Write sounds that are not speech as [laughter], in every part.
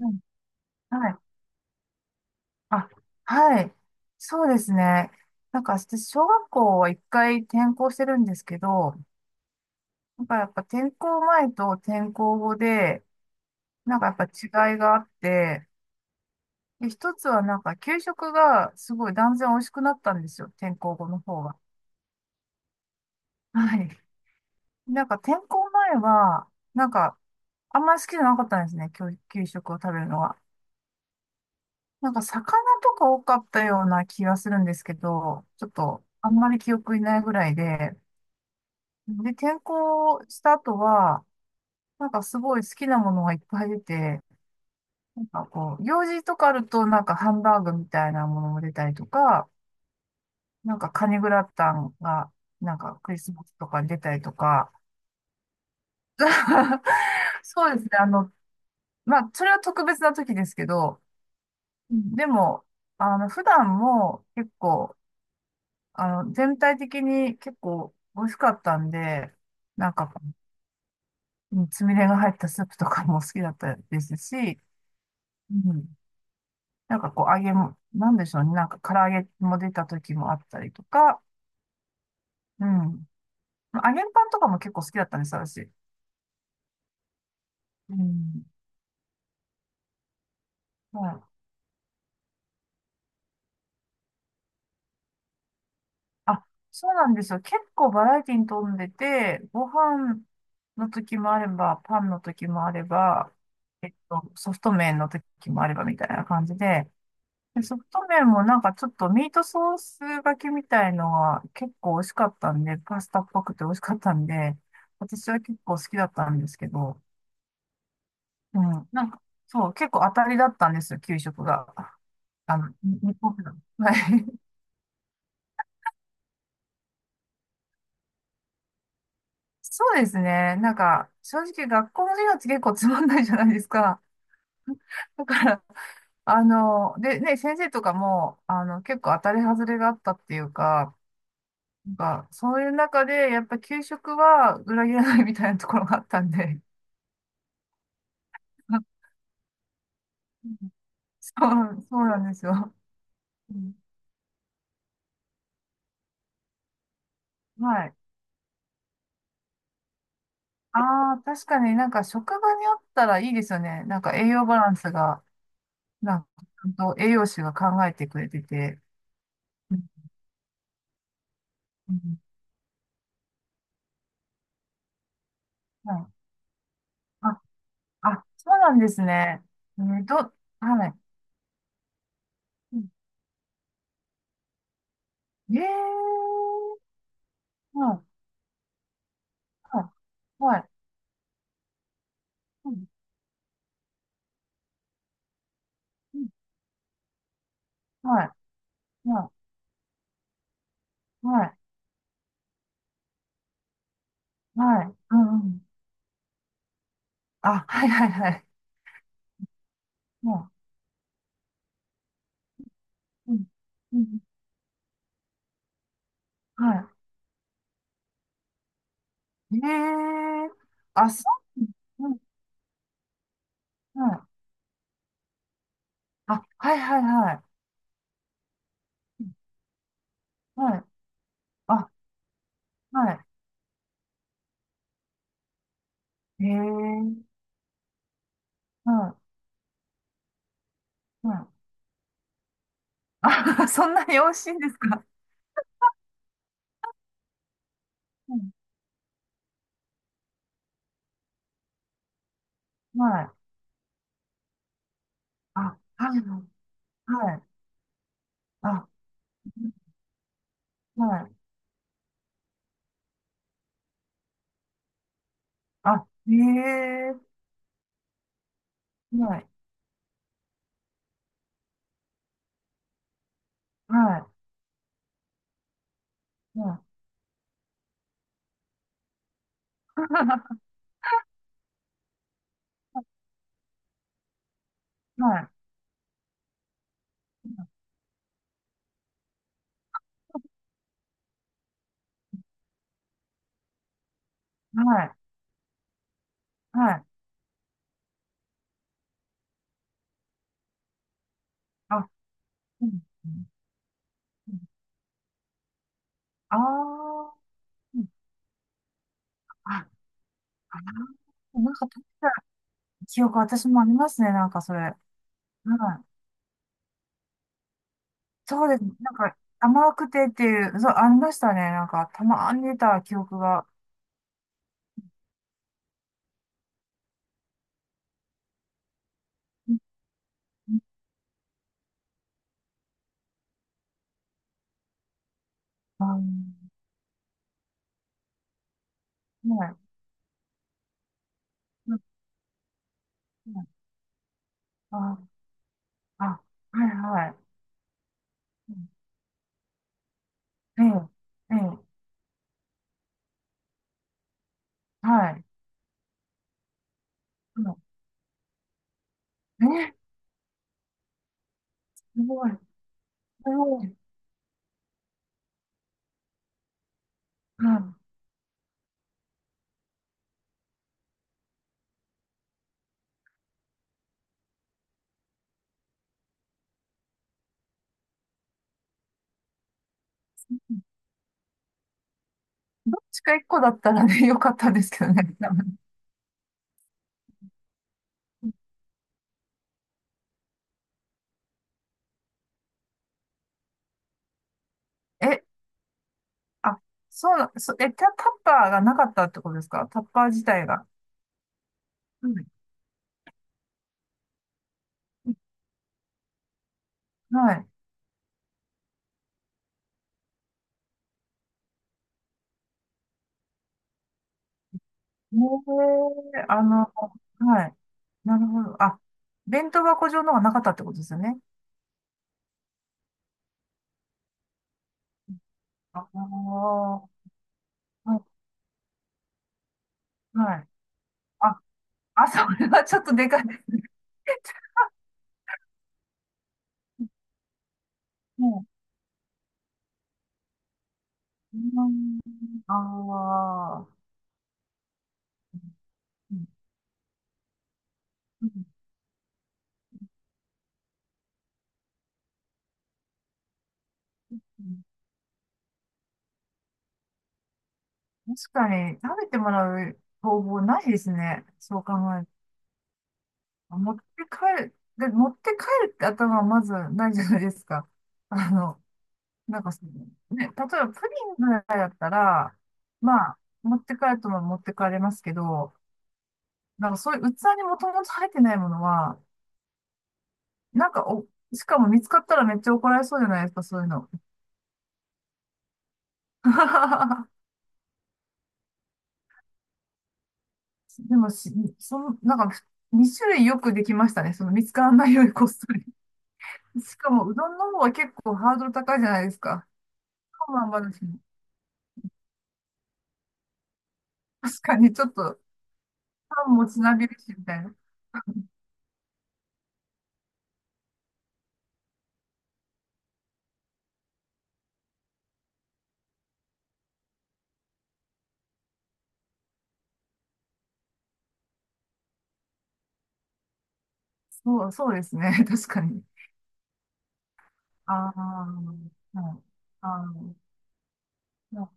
うん、はい。あ、はい。そうですね。私小学校は一回転校してるんですけど、なんかやっぱ転校前と転校後で、なんかやっぱ違いがあって、で、一つはなんか給食がすごい断然美味しくなったんですよ。転校後の方が。はい。なんか転校前は、なんかあんまり好きじゃなかったんですね。給食を食べるのは。なんか魚とか多かったような気がするんですけど、ちょっとあんまり記憶にないぐらいで、で、転校した後は、なんかすごい好きなものがいっぱい出て、なんかこう、用事とかあるとなんかハンバーグみたいなものも出たりとか、なんかカニグラタンが、なんかクリスマスとかに出たりとか、[laughs] そうですね。まあ、それは特別な時ですけど、でも、あの、普段も結構あの、全体的に結構美味しかったんで、なんか、うんつみれが入ったスープとかも [laughs] 好きだったですし、うん、なんかこう揚げも、なんでしょうね、なんか唐揚げも出た時もあったりとか、うん。揚げパンとかも結構好きだったんです、私。うん。はい。あ、そうなんですよ。結構バラエティに富んでて、ご飯の時もあれば、パンの時もあれば、ソフト麺の時もあればみたいな感じで、でソフト麺もなんかちょっとミートソースがけみたいのが結構美味しかったんで、パスタっぽくて美味しかったんで、私は結構好きだったんですけど、うん、そう、結構当たりだったんですよ、給食が。あの、に日本の。はい。[laughs] そうですね。なんか、正直学校の授業って結構つまんないじゃないですか。だから、あの、でね、先生とかも、あの、結構当たり外れがあったっていうか、なんか、そういう中で、やっぱ給食は裏切らないみたいなところがあったんで、うん [laughs] そう、そうなんですよ。うんはい。ああ、確かになんか職場にあったらいいですよね。なんか栄養バランスが、なんか、ちゃんと栄養士が考えてくれてて。うんうんはい。あ、あ、そうなんですね。えー、ど、はい。うんええはい、はい、はい、うんうんはい、はい、はい、はい、うんうんあ、はいはいはい。もう、うん、うん、はい。ええーあ、そう、うん、はい。あ、はいはいはい。はい。あ、はい。ええーはい、はい。あ、[laughs] そんなに美味しいんですか。うん、はい。あ、はいはい、はい。あ、はい。あ、ええーはい、はい、はい。[laughs] はい、はい、はい。あ、うん、うんうんあーうんあ、あー、なんか食べた記憶、私もありますね、なんかそれ。はい。そうですね。なんか、甘くてっていう、そう、ありましたね。なんか、たまに出た記憶が。うんうんあのはい。うんうんあ、あ、はいはい。うんええ、ええ、はい。うんええ、すごい、すごい。うんどっちか一個だったらね、[laughs] よかったんですけどね。[laughs] 多分え、あ、そうな、そ、え、タ、タッパーがなかったってことですか。タッパー自体が。うんはい。ねえあの、はい。なるほど。あ、弁当箱状のがなかったってことですよね。ああ、はい。はい。あ、あ、それはちょっとでかい。[laughs] もう、ああー、うんうんうん確かに食べてもらう方法ないですね。そう考えると。持って帰る。で、持って帰るって頭はまずないじゃないですか。あの、なんかその、ね、例えばプリンぐらいだったら、まあ、持って帰るとも持って帰れますけど、なんかそういう器にもともと入ってないものは、なんかお、しかも見つかったらめっちゃ怒られそうじゃないですか、そういうの。[laughs] でもし、その、なんか、2種類よくできましたね。その見つからないよりこっそり。しかも、うどんの方は結構ハードル高いじゃないですか。パンも余るし、確かにちょっと、パンもつなびるし、みたいな。そう、そうですね。[laughs] 確かに。ああ、はい。あの、ま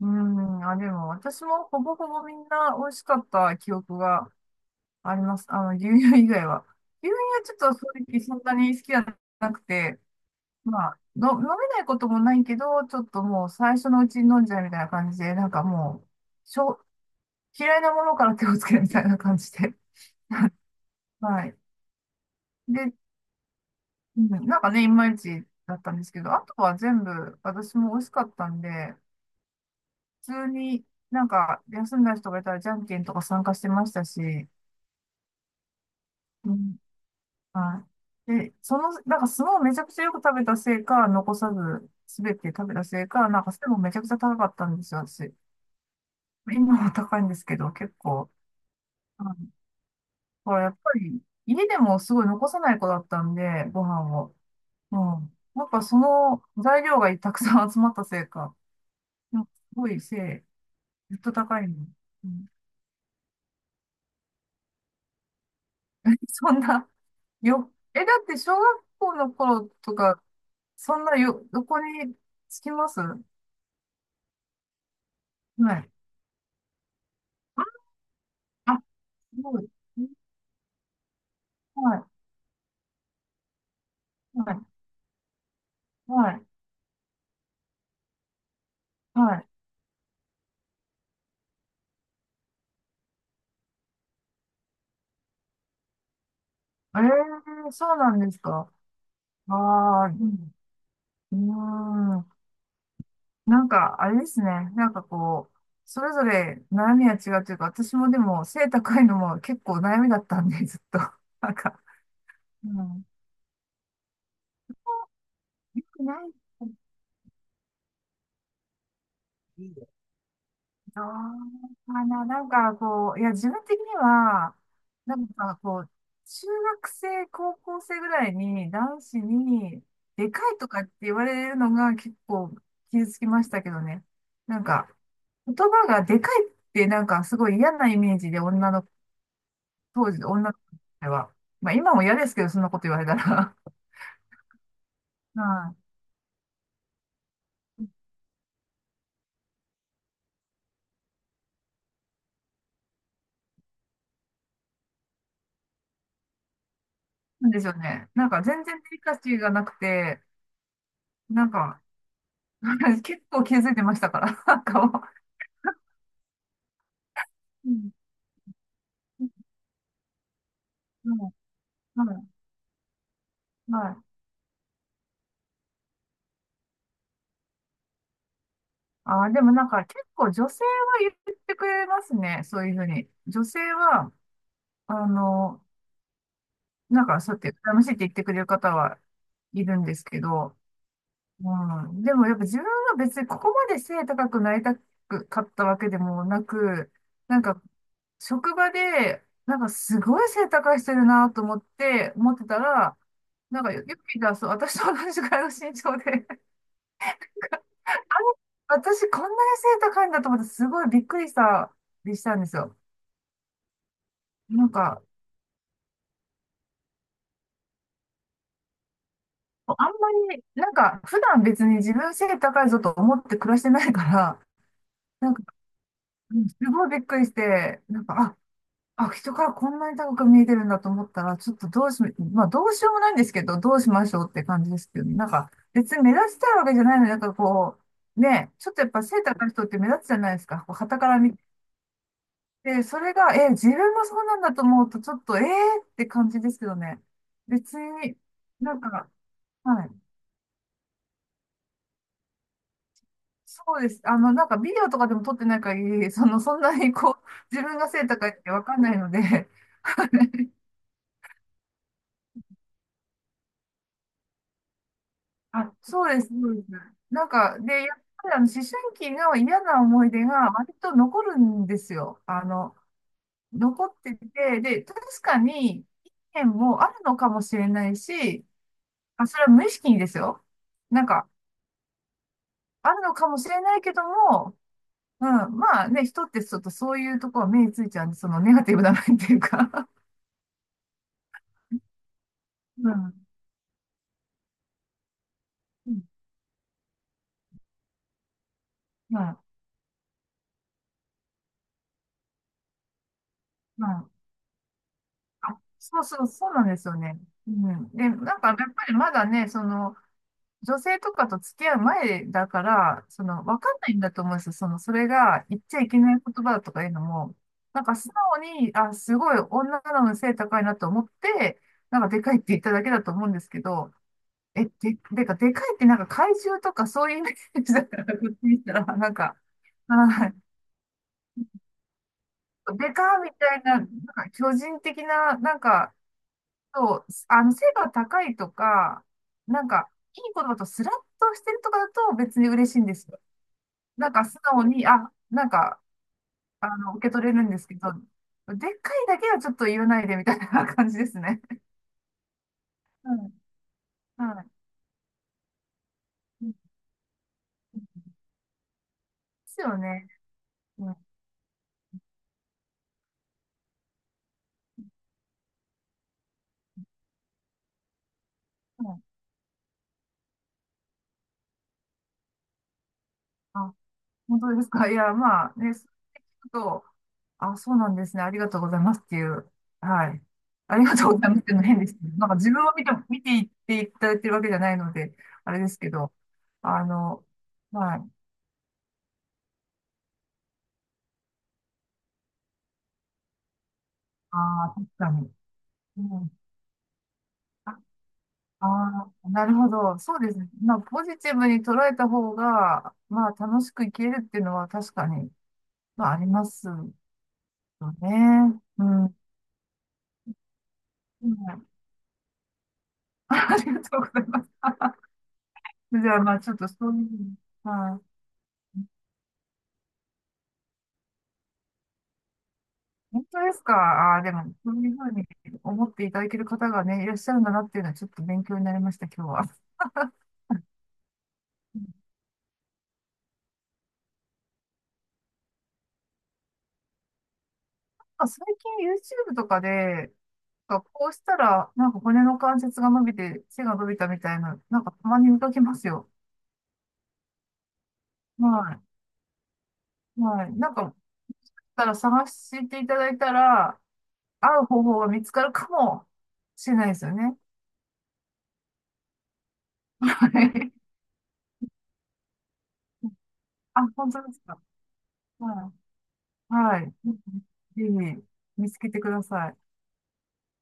うん、あ、でも私もほぼほぼみんな美味しかった記憶があります。あの、牛乳以外は。牛乳はちょっと正直そんなに好きじゃなくて、まあ、の、飲めないこともないけど、ちょっともう最初のうちに飲んじゃうみたいな感じで、なんかもう、しょ、嫌いなものから手をつけるみたいな感じで。[laughs] はい。で、うん、なんかね、いまいちだったんですけど、あとは全部私も美味しかったんで、普通になんか休んだ人がいたらじゃんけんとか参加してましたし、うん。はい。で、その、なんか相撲をめちゃくちゃよく食べたせいか、残さず、すべて食べたせいか、なんか背もめちゃくちゃ高かったんですよ、私。今は高いんですけど、結構。うんこれやっぱり、家でもすごい残さない子だったんで、ご飯を。うん。やっぱその材料がたくさん集まったせいか、なんかすごいせい、ずっと高いの。うん [laughs] そんな、だって小学校の頃とか、そんなよ、どこにつきますはい。あ、すごい。はい、はい、はい、はい。ええー、そうなんですか。ああ、うん。うーんなんか、あれですね。なんかこう、それぞれ悩みは違うというか、私もでも背高いのも結構悩みだったんで、ずっと。なんか、うん。よくない。あーあの、なんかこう、いや、自分的には、なんかこう、中学生、高校生ぐらいに男子に、でかいとかって言われるのが結構傷つきましたけどね。なんか、言葉がでかいってなんかすごい嫌なイメージで女の、当時、女の子では。まあ今も嫌ですけど、そんなこと言われたら。[laughs] はい。なんでしょうね。なんか全然デリカシーがなくて、なんか、[laughs] 結構気づいてましたから、[laughs] なんかもうんはい、はい、はい。ああ、でもなんか結構女性は言ってくれますね。そういうふうに。女性は、あの、なんかそうやって羨ましいって言ってくれる方はいるんですけど、うん。でもやっぱ自分は別にここまで背高くなりたくかったわけでもなく、なんか職場で、なんかすごい背高い人いるなと思って、思ってたら、なんかよく見たら、そう、私と同じくらいの身長であれ私、こんなに背高いんだと思って、すごいびっくりした、でしたんですよ。なんか、あんまり、なんか、普段別に自分背高いぞと思って暮らしてないから、なんか、うん、すごいびっくりして、なんか、あ、人からこんなに高く見えてるんだと思ったら、ちょっとどうし、まあ、どうしようもないんですけど、どうしましょうって感じですけどね。なんか、別に目立ちたいわけじゃないのに、なんかこう、ね、ちょっとやっぱ背高い人って目立つじゃないですか。こう、傍から見で、それが、え、自分もそうなんだと思うと、ちょっと、えーって感じですけどね。別に、なんか、はい。そうです。なんかビデオとかでも撮ってない限り、[laughs] その、そんなにこう、自分が背高いってわかんないので、あ、そうです、そうです。なんか、で、やっぱり思春期の嫌な思い出が割と残るんですよ。残ってて、で、確かに、意見もあるのかもしれないし、あ、それは無意識にですよ。なんか、あるのかもしれないけども、うん、まあね、人ってちょっとそういうところ目についちゃうんで、そのネガティブな面っていうか、 [laughs] うん、うん、まあ、まあ、あ、そうそう、そうなんですよね。うん。で、なんかやっぱりまだね、その、女性とかと付き合う前だから、その、わかんないんだと思うんですよ。その、それが言っちゃいけない言葉だとかいうのも、なんか素直に、あ、すごい女なのに背高いなと思って、なんかでかいって言っただけだと思うんですけど、え、で、でかいってなんか怪獣とかそういうイメージだから、こっち見たら、なんか、はい。でかーみたいな、なんか巨人的な、なんか、そう、背が高いとか、なんか、いい言葉とスラッとしてるとかだと別に嬉しいんですよ。なんか素直に、あ、なんか、受け取れるんですけど、でっかいだけはちょっと言わないでみたいな感じですね。うん。はい。ですよね。うん。うん。あ、本当ですか？いや、まあ、ね、そう聞くと、あ、そうなんですね。ありがとうございますっていう。はい。ありがとうございますっていうの変ですけど、[laughs] なんか自分を見て、見ていっていただいてるわけじゃないので、あれですけど、あの、はい。ああ、確かに。うん、ああー、なるほど。そうですね。まあ、ポジティブに捉えた方が、まあ、楽しく生きれるっていうのは確かに、まあ、ありますよね。うん。うん。 [laughs] ありがとうございます。じゃあ、まあ、ちょっとそういう、はい。本当ですか？ああー、でも、そういうふうに思っていただける方がね、いらっしゃるんだなっていうのはちょっと勉強になりました、今日は。まあ最近 YouTube とかで、なんかこうしたら、なんか骨の関節が伸びて背が伸びたみたいな、なんかたまに見かけますよ。はい。はい。なんか、もしかしたら探していただいたら、合う方法が見つかるかもしれないですよね。はい。[laughs] あ、本当ですか。はい。はい。ぜひ見つけてください。